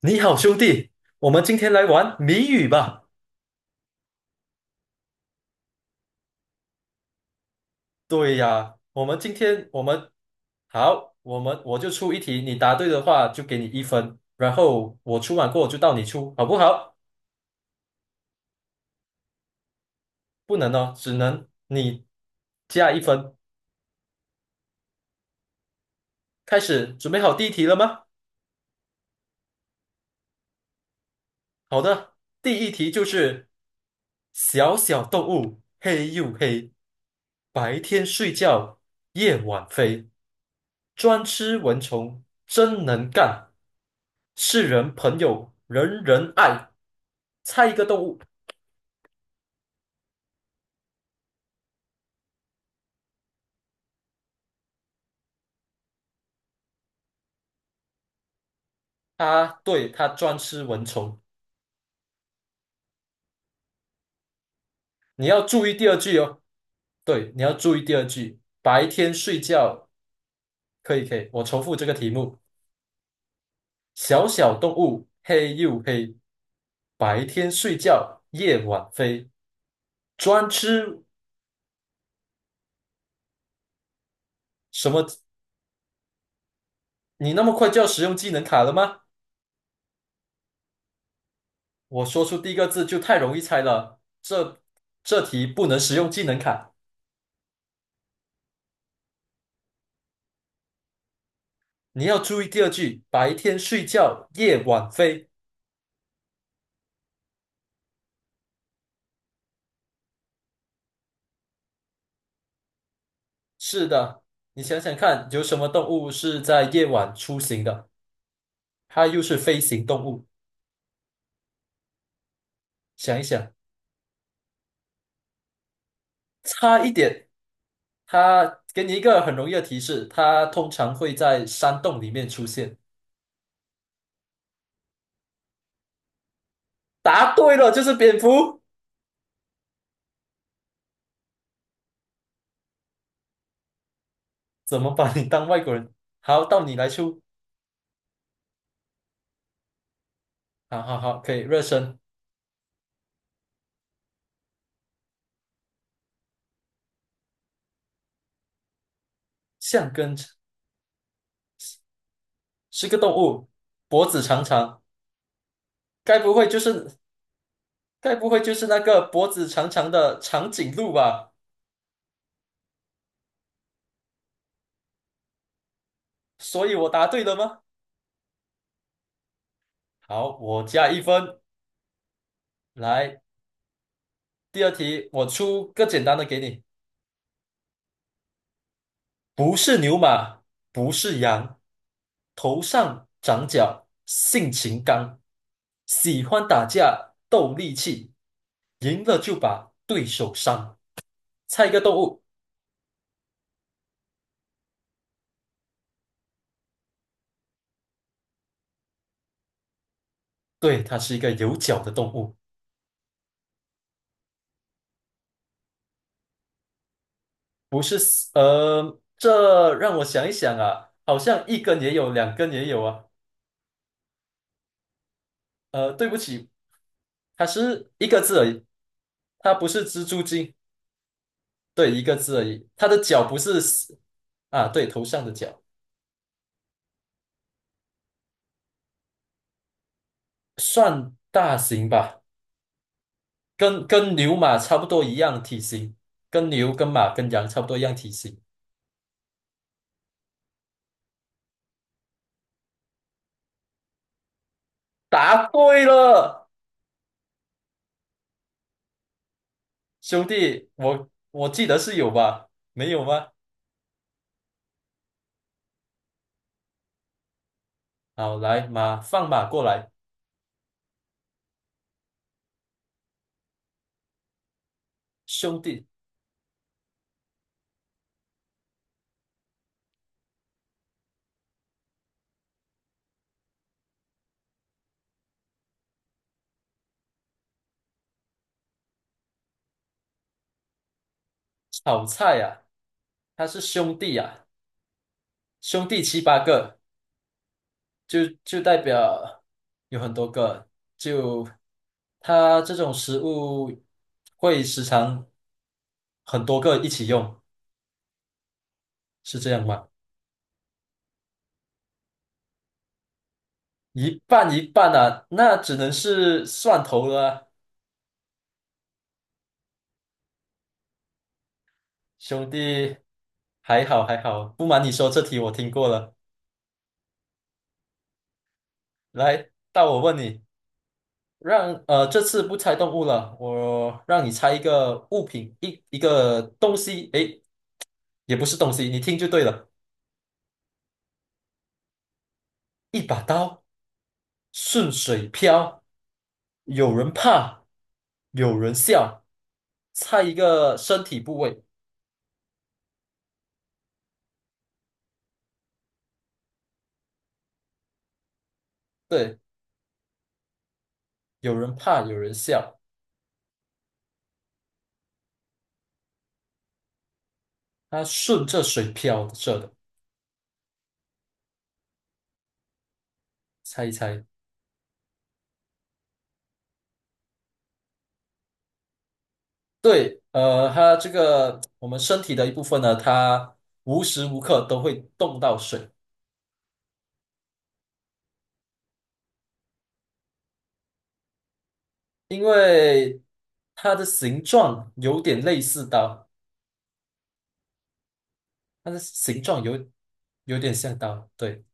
你好，兄弟，我们今天来玩谜语吧。对呀，我们今天我们好，我就出一题，你答对的话就给你一分，然后我出完过后就到你出，好不好？不能哦，只能你加一分。开始，准备好第一题了吗？好的，第一题就是小小动物，黑又黑，白天睡觉，夜晚飞。专吃蚊虫，真能干，世人朋友人人爱。猜一个动物，它对它专吃蚊虫，你要注意第二句哦。对，你要注意第二句。白天睡觉。可以可以，我重复这个题目：小小动物黑又黑，白天睡觉夜晚飞，专吃什么？你那么快就要使用技能卡了吗？我说出第一个字就太容易猜了，这题不能使用技能卡。你要注意第二句，白天睡觉，夜晚飞。是的，你想想看，有什么动物是在夜晚出行的？它又是飞行动物。想一想，差一点。它给你一个很容易的提示，它通常会在山洞里面出现。答对了，就是蝙蝠。怎么把你当外国人？好，到你来出。好好好，可以热身。橡跟是个动物，脖子长长，该不会就是那个脖子长长的长颈鹿吧？所以我答对了吗？好，我加一分。来，第二题，我出个简单的给你，不是牛马，不是羊，头上长角，性情刚，喜欢打架，斗力气，赢了就把对手伤。猜一个动物，对，它是一个有角的动物。不是四呃，这让我想一想啊，好像一根也有，两根也有啊。对不起，它是一个字而已，它不是蜘蛛精，对，一个字而已。它的脚不是四啊，对，头上的角算大型吧，跟牛马差不多一样体型，跟牛、跟马、跟羊差不多一样体型。答对了，兄弟，我记得是有吧？没有吗？好，来马放马过来，兄弟，炒菜啊。他是兄弟啊，兄弟七八个，就就代表有很多个。就他这种食物会时常很多个一起用，是这样吗？一半一半啊，那只能是蒜头了啊兄弟，还好还好，不瞒你说，这题我听过了。来，到我问你，让这次不猜动物了，我让你猜一个物品，一个东西，诶，也不是东西，你听就对了。一把刀顺水漂，有人怕，有人笑。猜一个身体部位，对，有人怕，有人笑。它顺着水漂着的，猜一猜。对，它这个我们身体的一部分呢，它无时无刻都会动到水，因为它的形状有点类似刀，它的形状有点像刀，对，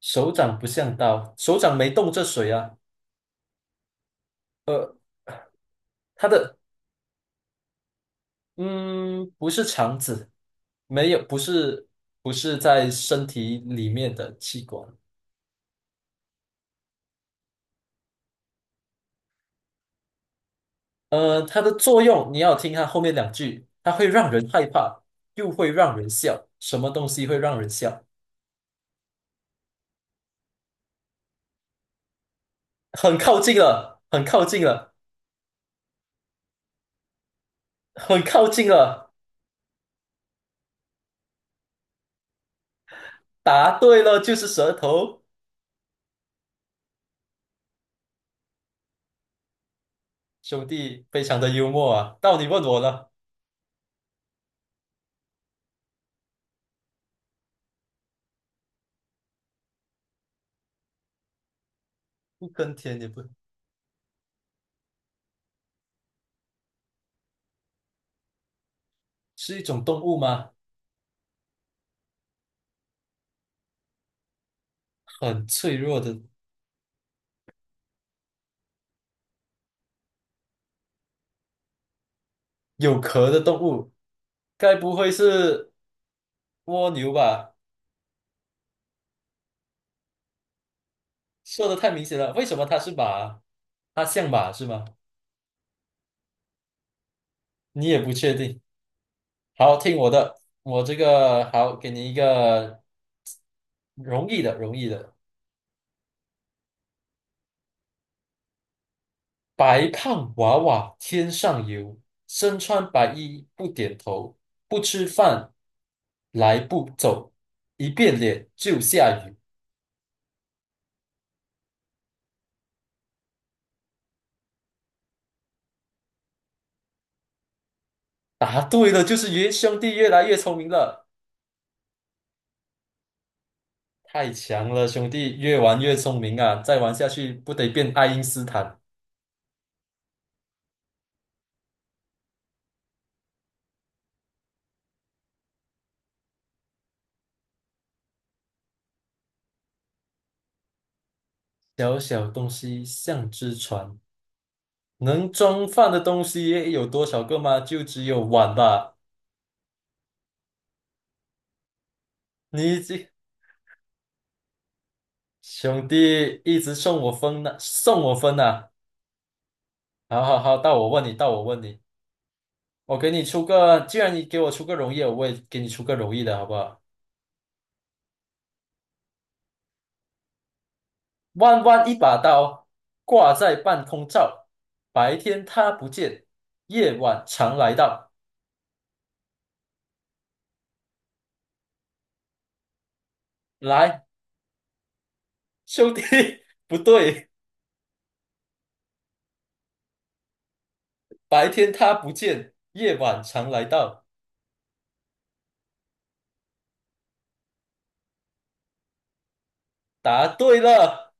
手掌不像刀，手掌没动这水啊，它的嗯，不是肠子，没有，不是在身体里面的器官。它的作用你要听它后面两句，它会让人害怕，又会让人笑。什么东西会让人笑？很靠近了，很靠近了，很靠近了。答对了，就是舌头。兄弟，非常的幽默啊！到你问我了，不耕田也不是一种动物吗？很脆弱的，有壳的动物，该不会是？蜗牛吧，说的太明显了。为什么它是马？它像马是吗？你也不确定。好，听我的，我这个好，给你一个容易的，容易的。白胖娃娃天上游，身穿白衣不点头，不吃饭来不走，一变脸就下雨。答对了，就是云。兄弟越来越聪明了，太强了，兄弟越玩越聪明啊！再玩下去不得变爱因斯坦。小小东西像只船，能装饭的东西有多少个吗？就只有碗吧。你这兄弟一直送我分呢，送我分呢。好好好，到我问你，到我问你，我给你出个，既然你给我出个容易的我也给你出个容易的，好不好？弯弯一把刀，挂在半空照，白天它不见，夜晚常来到。来，兄弟，不对，白天它不见，夜晚常来到。答对了，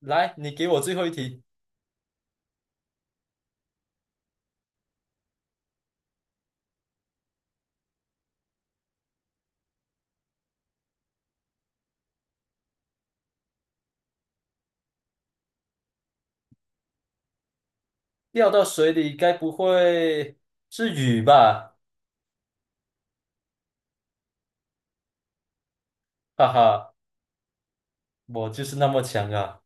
来，你给我最后一题。掉到水里该不会是雨吧？哈哈，我就是那么强啊！